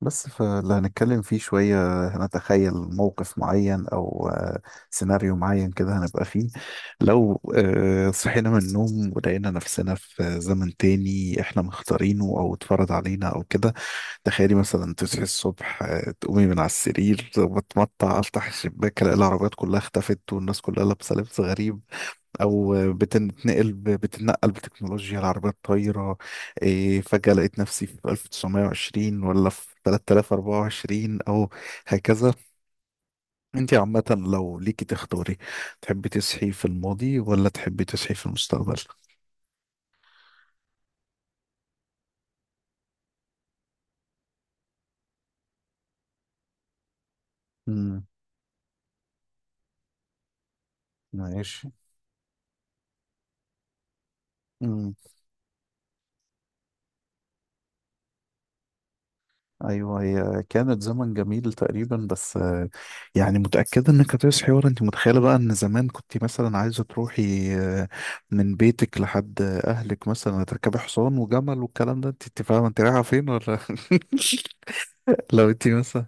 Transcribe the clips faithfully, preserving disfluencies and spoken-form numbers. بس فاللي هنتكلم فيه شوية هنتخيل موقف معين أو آه، سيناريو معين كده هنبقى فيه. لو آه، صحينا من النوم ولقينا نفسنا في زمن تاني احنا مختارينه أو اتفرض علينا أو كده. تخيلي مثلا تصحي الصبح، آه، تقومي من على السرير بتمطع، أفتح الشباك ألاقي العربيات كلها اختفت والناس كلها لابسة لبس غريب، او بتتنقل بتتنقل بتكنولوجيا العربيه الطايره. إيه، فجاه لقيت نفسي في ألف وتسعمية وعشرين ولا في ثلاث تلاف واربعة وعشرين او هكذا. انت عامه لو ليكي تختاري، تحبي تصحي في الماضي ولا تحبي تصحي في المستقبل؟ امم ماشي. ايوه هي كانت زمن جميل تقريبا، بس آه، يعني متاكده انك هتصحي ورا انت متخيله بقى؟ ان زمان كنت مثلا عايزه تروحي آه، من بيتك لحد اهلك مثلا، تركبي حصان وجمل والكلام ده، انت انت فاهمه انت رايحه فين ولا لو انت مثلا،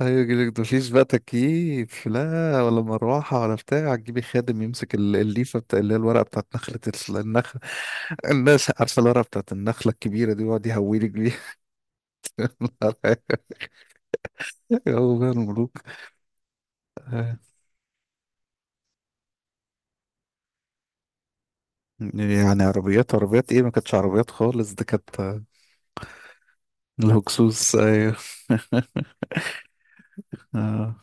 ايوه يجيلك مفيش بقى تكييف لا ولا مروحه ولا بتاع، تجيبي خادم يمسك ال- الليفه بتاع اللي هي الورقه بتاعت نخله، ال- النخل، الناس عارفه الورقه بتاعت النخله الكبيره دي ويقعد يهويلك بيها هو بقى الملوك. يعني عربيات عربيات ايه، ما كانتش عربيات خالص، دي كانت آه، الهكسوس ايوه آه.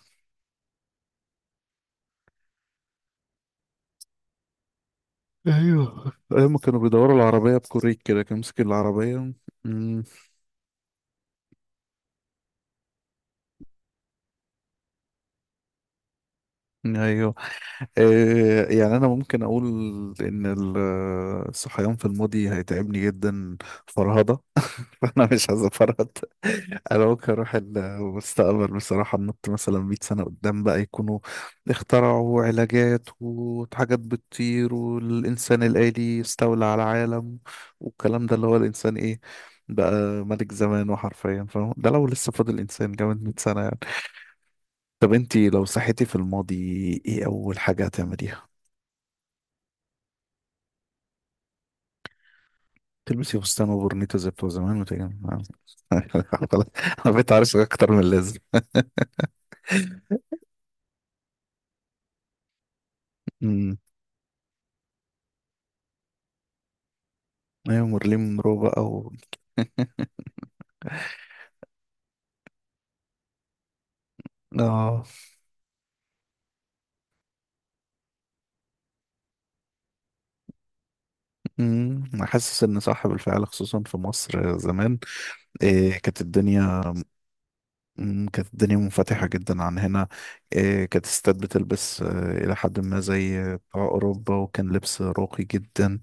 ايوه ايوه كانوا بيدوروا العربيه بكوريك كده، كان يمسك العربيه. مم. ايوه آه يعني انا ممكن اقول ان ال- الصحيان في الماضي هيتعبني جدا، فرهضه انا مش عايز افرط. انا ممكن اروح المستقبل بصراحه، ننط مثلا مية سنه قدام بقى، يكونوا اخترعوا علاجات وحاجات بتطير والانسان الالي استولى على العالم والكلام ده. اللي هو الانسان ايه بقى، ملك زمانه حرفيا، فاهم ده لو لسه فاضل انسان كمان ميت سنه يعني. طب انتي لو صحيتي في الماضي ايه اول حاجه هتعمليها؟ تلبسي فستان وبرنيتو زي بتوع زمان وتجي خلاص، انا بقيت عارف اكتر من اللازم. ايوه مارلين مونرو بقى و... اه. أمم، أنا حاسس ان صح بالفعل، خصوصا في مصر زمان. إيه كانت الدنيا. أمم، كانت الدنيا منفتحة جدا عن هنا. إيه كانت الستات بتلبس آه، الى حد ما زي بتاع اوروبا، وكان لبس راقي جدا.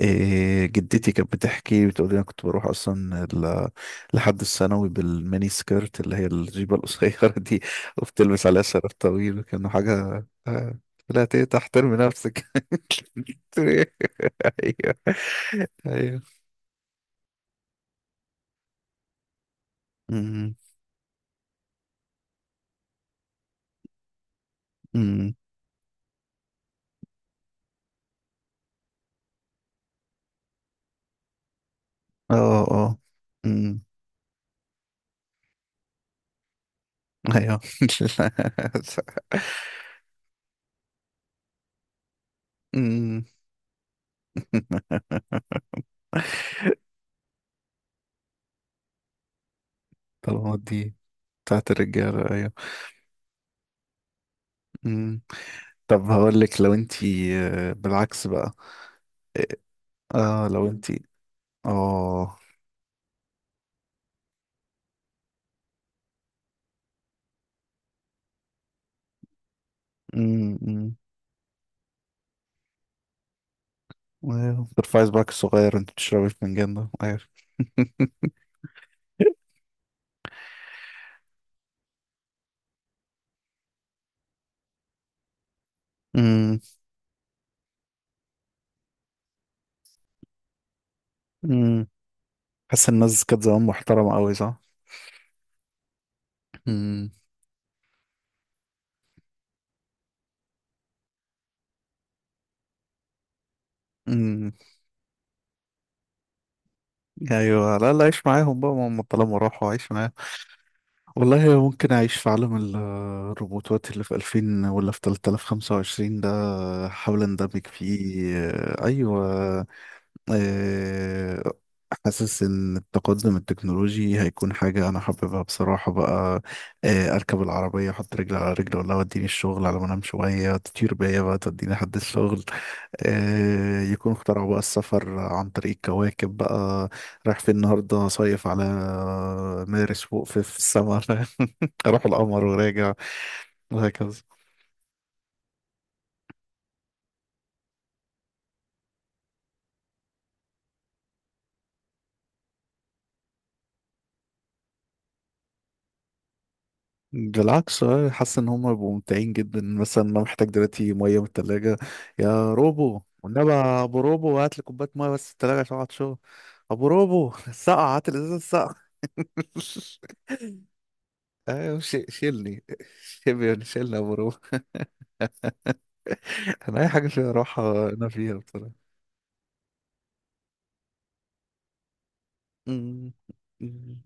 إيه جدتي كانت بتحكي بتقول لي انا كنت بروح اصلا ال- لحد الثانوي بالميني سكيرت، اللي هي الجيبة القصيرة دي، وبتلبس عليها شراب طويل، كانوا حاجة آه، لا ت- تحترمي نفسك ايوه ايوه. أمم، أمم. اه اه. أمم. ايوه أمم. طالما دي بتاعت الرجالة ايوه. أمم. طب هقول لك، لو انتي آه، بالعكس بقى، اه لو انتي اه. أمم، أمم. ايوه ترفعي صباعك الصغير، انت بتشربي الفنجان ده ايوه أمم، أمم. حاسس الناس كانت زمان محترمة قوي صح؟ أمم. ايوه لا لا، عيش معاهم بقى، ما هم طالما راحوا عيش معاهم. والله ممكن اعيش في عالم ال- الروبوتات اللي في ألفين ولا في ثلاث تلاف وخمسة وعشرين ده، احاول اندمج فيه. آه، ايوه. آه، حاسس ان التقدم التكنولوجي هيكون حاجة انا حاببها بصراحة بقى. آه، اركب العربية احط رجل على رجل، ولا وديني الشغل على ما انام شوية، تطير بيا بقى توديني لحد الشغل. آه، يكون اخترعوا بقى السفر عن طريق الكواكب بقى، رايح في النهاردة صيف على مارس فوق في في السماء راح القمر وراجع، وهكذا. بالعكس آه، حاسس ان هم بيبقوا ممتعين جدا. مثلا انا محتاج دلوقتي ميه من التلاجة، يا روبو والنبي يا ابو روبو هات لي كوبايه ميه بس التلاجة عشان اقعد شغل. ابو روبو السقعة، هات الازازه السقعة ايوه شي- شيلني شيلني شيلني يا ابو روبو انا اي حاجه فيها راحه انا فيها بصراحه. مم. مم.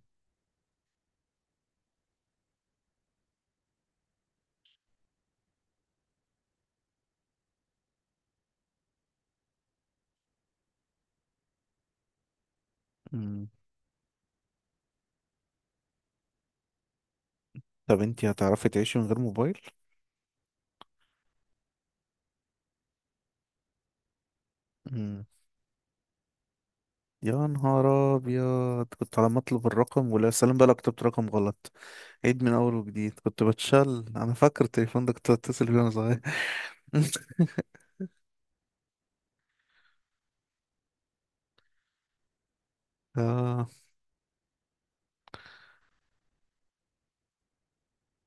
مم. طب انتي هتعرفي تعيشي من غير موبايل؟ مم. يا نهار أبيض، كنت على ما أطلب الرقم ولا سلام بقى، لو كتبت رقم غلط عيد من أول وجديد. كنت بتشل، أنا فاكر التليفون ده كنت بتصل بيه وأنا صغير آه،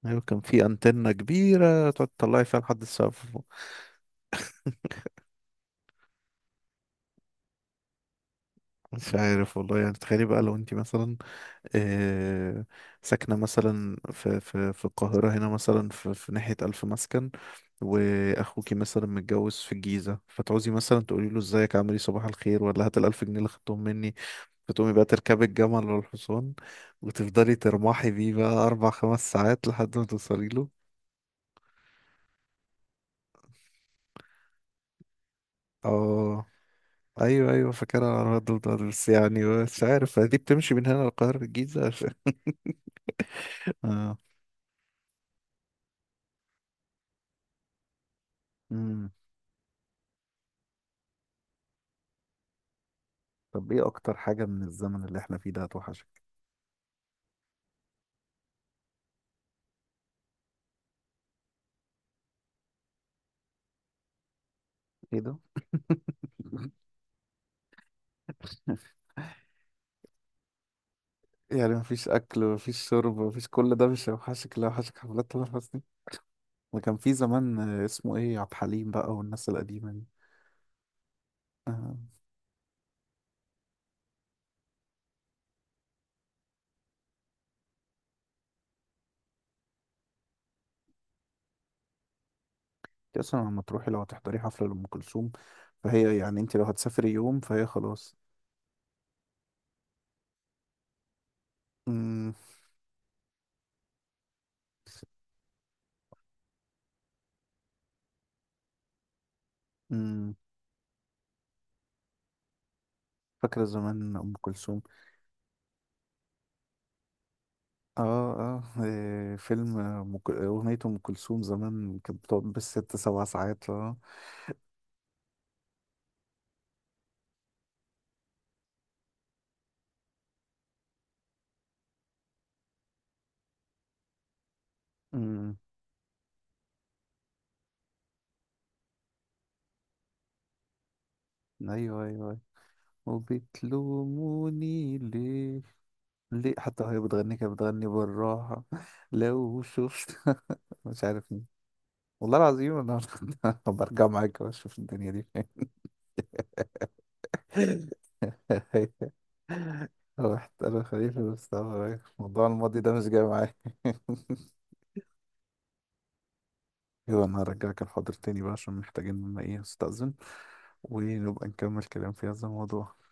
أيوة كان في أنتنة كبيرة تقعد تطلعي فيها لحد السقف فوق. مش عارف والله، يعني تخيلي بقى لو انتي مثلا آه، ساكنة مثلا في في في القاهرة هنا، مثلا في, في ناحية ألف مسكن، وأخوكي مثلا متجوز في الجيزة، فتعوزي مثلا تقولي له ازيك عامل ايه صباح الخير، ولا هات الألف جنيه اللي خدتهم مني، فتقومي بقى تركبي الجمل ولا الحصان، وتفضلي ترمحي بيه بقى أربع خمس ساعات لحد ما توصلي له. اه، ايوه ايوه فاكرها على الدودار، بس يعني مش عارف دي بتمشي من هنا للقاهرة الجيزة اه. مم. طب ايه اكتر حاجة من الزمن اللي احنا فيه ده هتوحشك؟ ايه ده؟ يعني مفيش أكل مفيش شرب مفيش كل ده مش هيوحشك، لا وحشك حفلات تامر حسني؟ ده كان في زمان آه، اسمه إيه، عبد الحليم بقى والناس القديمة دي. آه، أنت أصلا لما تروحي، لو هتحضري حفلة لأم كلثوم فهي يعني أنت لو هتسافري يوم فهي خلاص. أمم، أمم، فاكرة زمان أم كلثوم؟ آه آه آه، فيلم آه، أم ك- أغنية أم كلثوم زمان كانت بتقعد بالست سبع ساعات آه. أمم، أيوه أيوه أيوة. وبتلوموني ليه. ليه حتى وهي بتغني كانت بتغني بالراحة، لو شفت مش عارف مين. والله العظيم انا برجع معاك واشوف الدنيا دي فين رحت انا خليفة، بس طبعاً موضوع الماضي ده مش جاي معايا يلا انا هرجعك الحاضر تاني بقى، عشان محتاجين ان ايه استأذن، ونبقى نكمل كلام في هذا الموضوع.